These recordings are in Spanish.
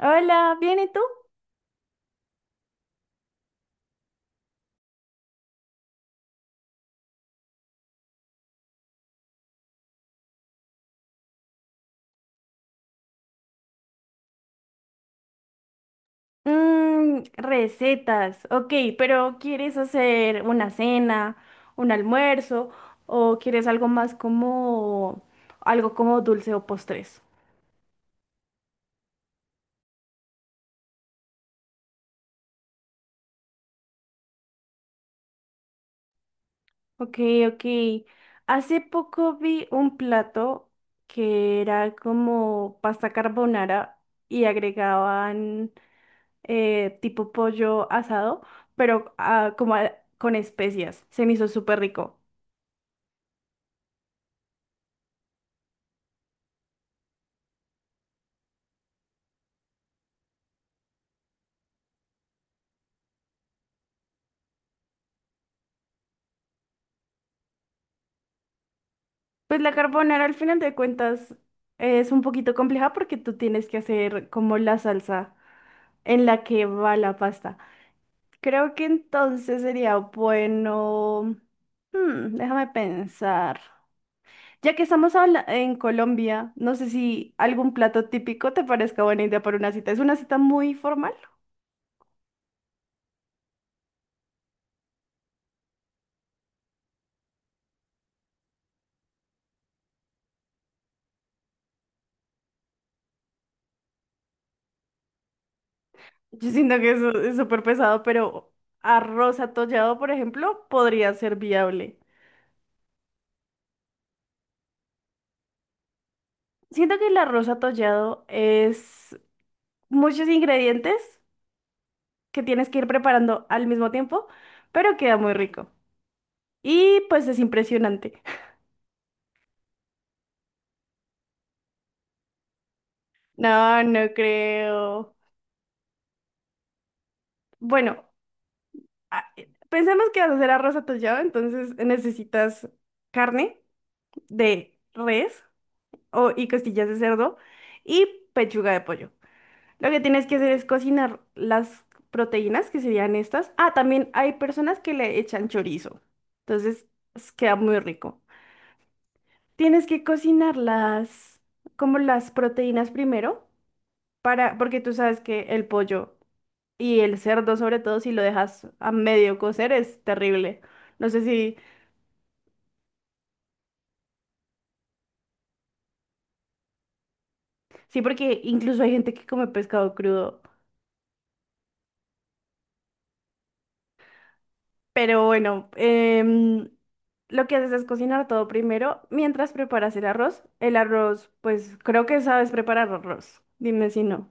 Hola, ¿bien y tú? Mm, recetas, ok, pero ¿quieres hacer una cena, un almuerzo o quieres algo más como algo como dulce o postres? Ok, ok. Hace poco vi un plato que era como pasta carbonara y agregaban tipo pollo asado, pero con especias. Se me hizo súper rico. Pues la carbonara al final de cuentas es un poquito compleja porque tú tienes que hacer como la salsa en la que va la pasta. Creo que entonces sería bueno... Hmm, déjame pensar. Ya que estamos en Colombia, no sé si algún plato típico te parezca buena idea para una cita. Es una cita muy formal. Yo siento que eso es súper pesado, pero arroz atollado, por ejemplo, podría ser viable. Siento que el arroz atollado es muchos ingredientes que tienes que ir preparando al mismo tiempo, pero queda muy rico. Y pues es impresionante. No, no creo. Bueno, a- pensemos que vas a hacer arroz atollado, entonces necesitas carne de res o, y costillas de cerdo y pechuga de pollo. Lo que tienes que hacer es cocinar las proteínas, que serían estas. Ah, también hay personas que le echan chorizo. Entonces, pues, queda muy rico. Tienes que cocinar las, como las proteínas primero, para, porque tú sabes que el pollo y el cerdo, sobre todo, si lo dejas a medio cocer, es terrible. No sé si, sí, porque incluso hay gente que come pescado crudo. Pero bueno, lo que haces es cocinar todo primero mientras preparas el arroz. El arroz, pues creo que sabes preparar arroz. Dime si no.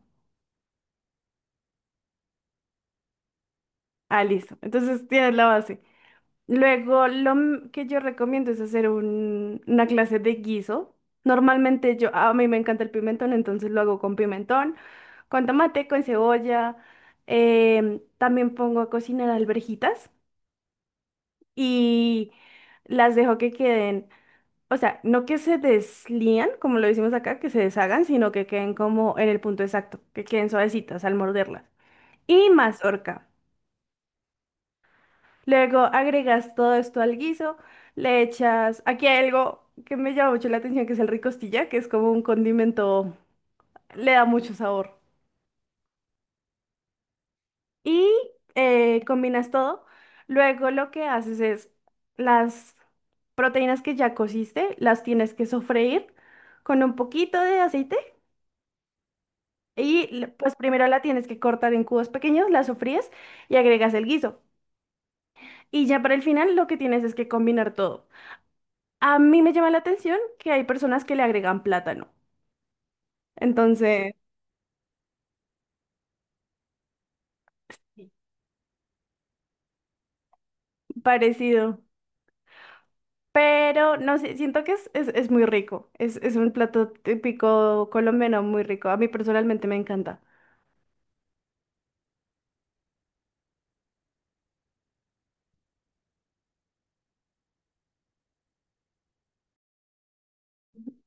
Ah, listo. Entonces tienes la base. Luego, que yo recomiendo es hacer una clase de guiso. Normalmente yo, a mí me encanta el pimentón, entonces lo hago con pimentón, con tomate, con cebolla. También pongo a cocinar alverjitas y las dejo que queden. O sea, no que se deslían, como lo decimos acá, que se deshagan, sino que queden como en el punto exacto, que queden suavecitas al morderlas. Y mazorca. Luego agregas todo esto al guiso, le echas, aquí hay algo que me llama mucho la atención, que es el ricostilla, que es como un condimento, le da mucho sabor. Y combinas todo. Luego lo que haces es las proteínas que ya cociste, las tienes que sofreír con un poquito de aceite. Pues primero la tienes que cortar en cubos pequeños, la sofríes y agregas el guiso. Y ya para el final lo que tienes es que combinar todo. A mí me llama la atención que hay personas que le agregan plátano. Entonces, sí. Parecido. Pero no sé, siento que es muy rico. Es un plato típico colombiano muy rico. A mí personalmente me encanta.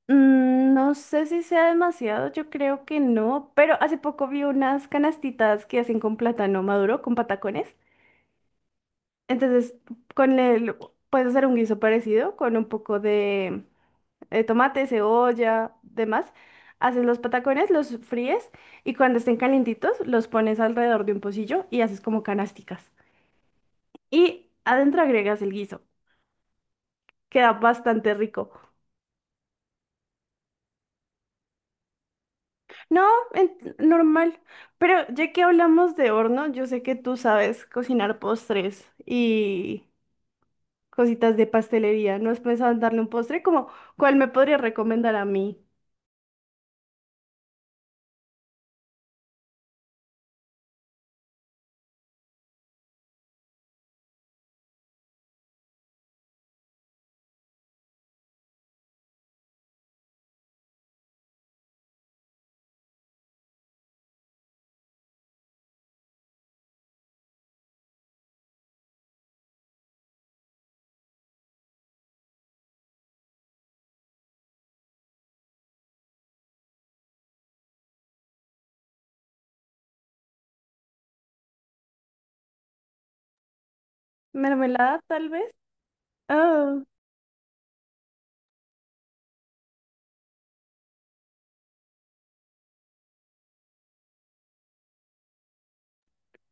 Mm, no sé si sea demasiado, yo creo que no, pero hace poco vi unas canastitas que hacen con plátano maduro, con patacones. Entonces, con el, puedes hacer un guiso parecido con un poco de, tomate, cebolla, demás. Haces los patacones, los fríes y cuando estén calientitos los pones alrededor de un pocillo y haces como canasticas. Y adentro agregas el guiso. Queda bastante rico. No, normal. Pero ya que hablamos de horno, yo sé que tú sabes cocinar postres y cositas de pastelería. ¿No has pensado en darle un postre? Como, ¿cuál me podría recomendar a mí? ¿Mermelada, tal vez? Oh,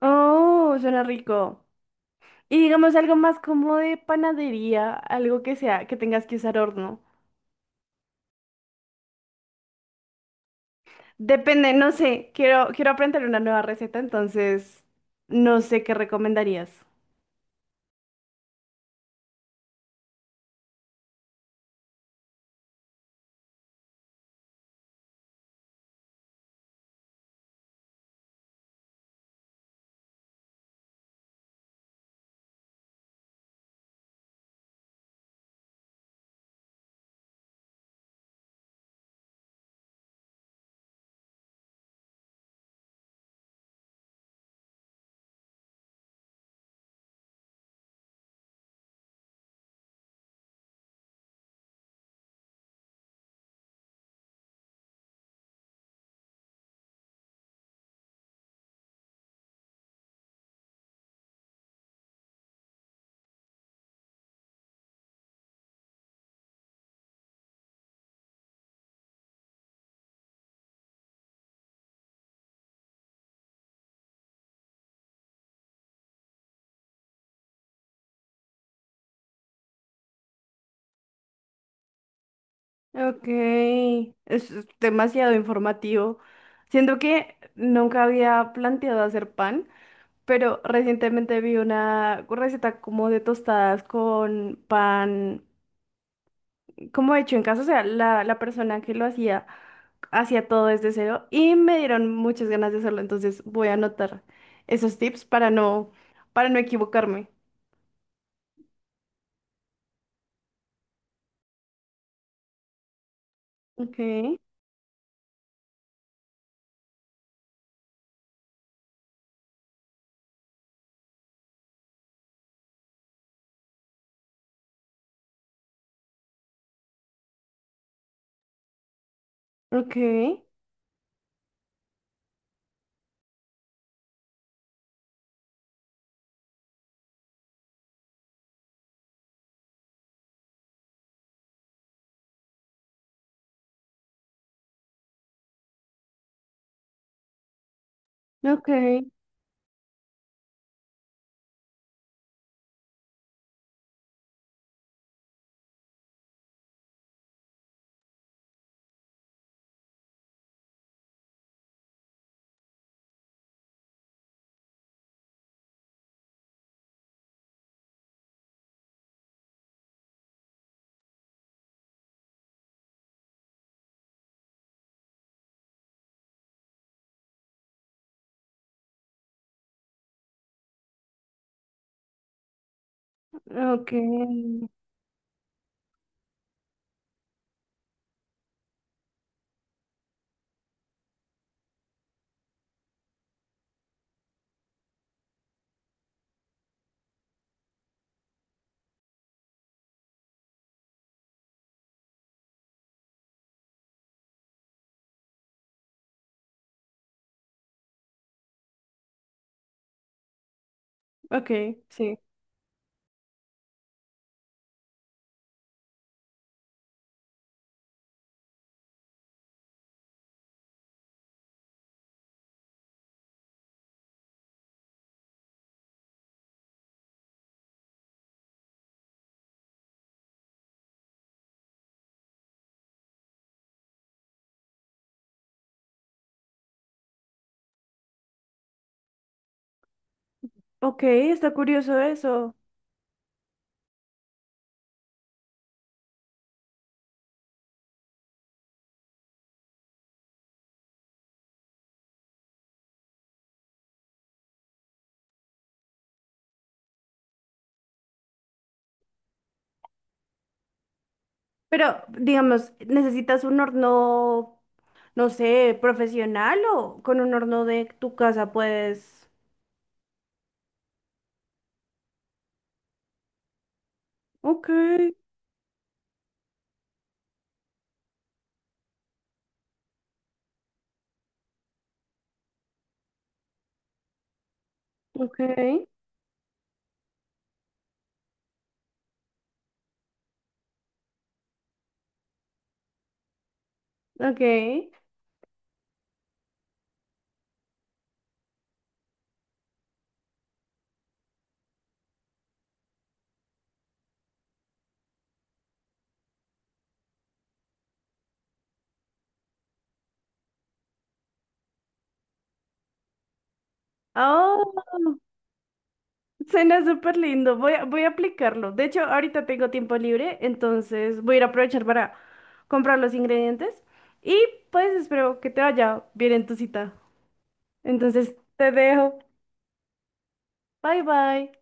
oh, suena rico. Y digamos algo más como de panadería, algo que sea, que tengas que usar horno. Depende, no sé, quiero, quiero aprender una nueva receta, entonces no sé qué recomendarías. Ok, es demasiado informativo. Siento que nunca había planteado hacer pan, pero recientemente vi una receta como de tostadas con pan como hecho en casa, o sea, la persona que lo hacía hacía todo desde cero y me dieron muchas ganas de hacerlo, entonces voy a anotar esos tips para no equivocarme. Ok, ok, ok, ok, ok, sí. Ok, está curioso eso. Pero, digamos, ¿necesitas un horno, no sé, profesional o con un horno de tu casa puedes... Ok, ok, ok. Oh. Suena súper lindo, voy a aplicarlo. De hecho, ahorita tengo tiempo libre, entonces voy a ir a aprovechar para comprar los ingredientes y pues espero que te vaya bien en tu cita. Entonces, te dejo. Bye bye.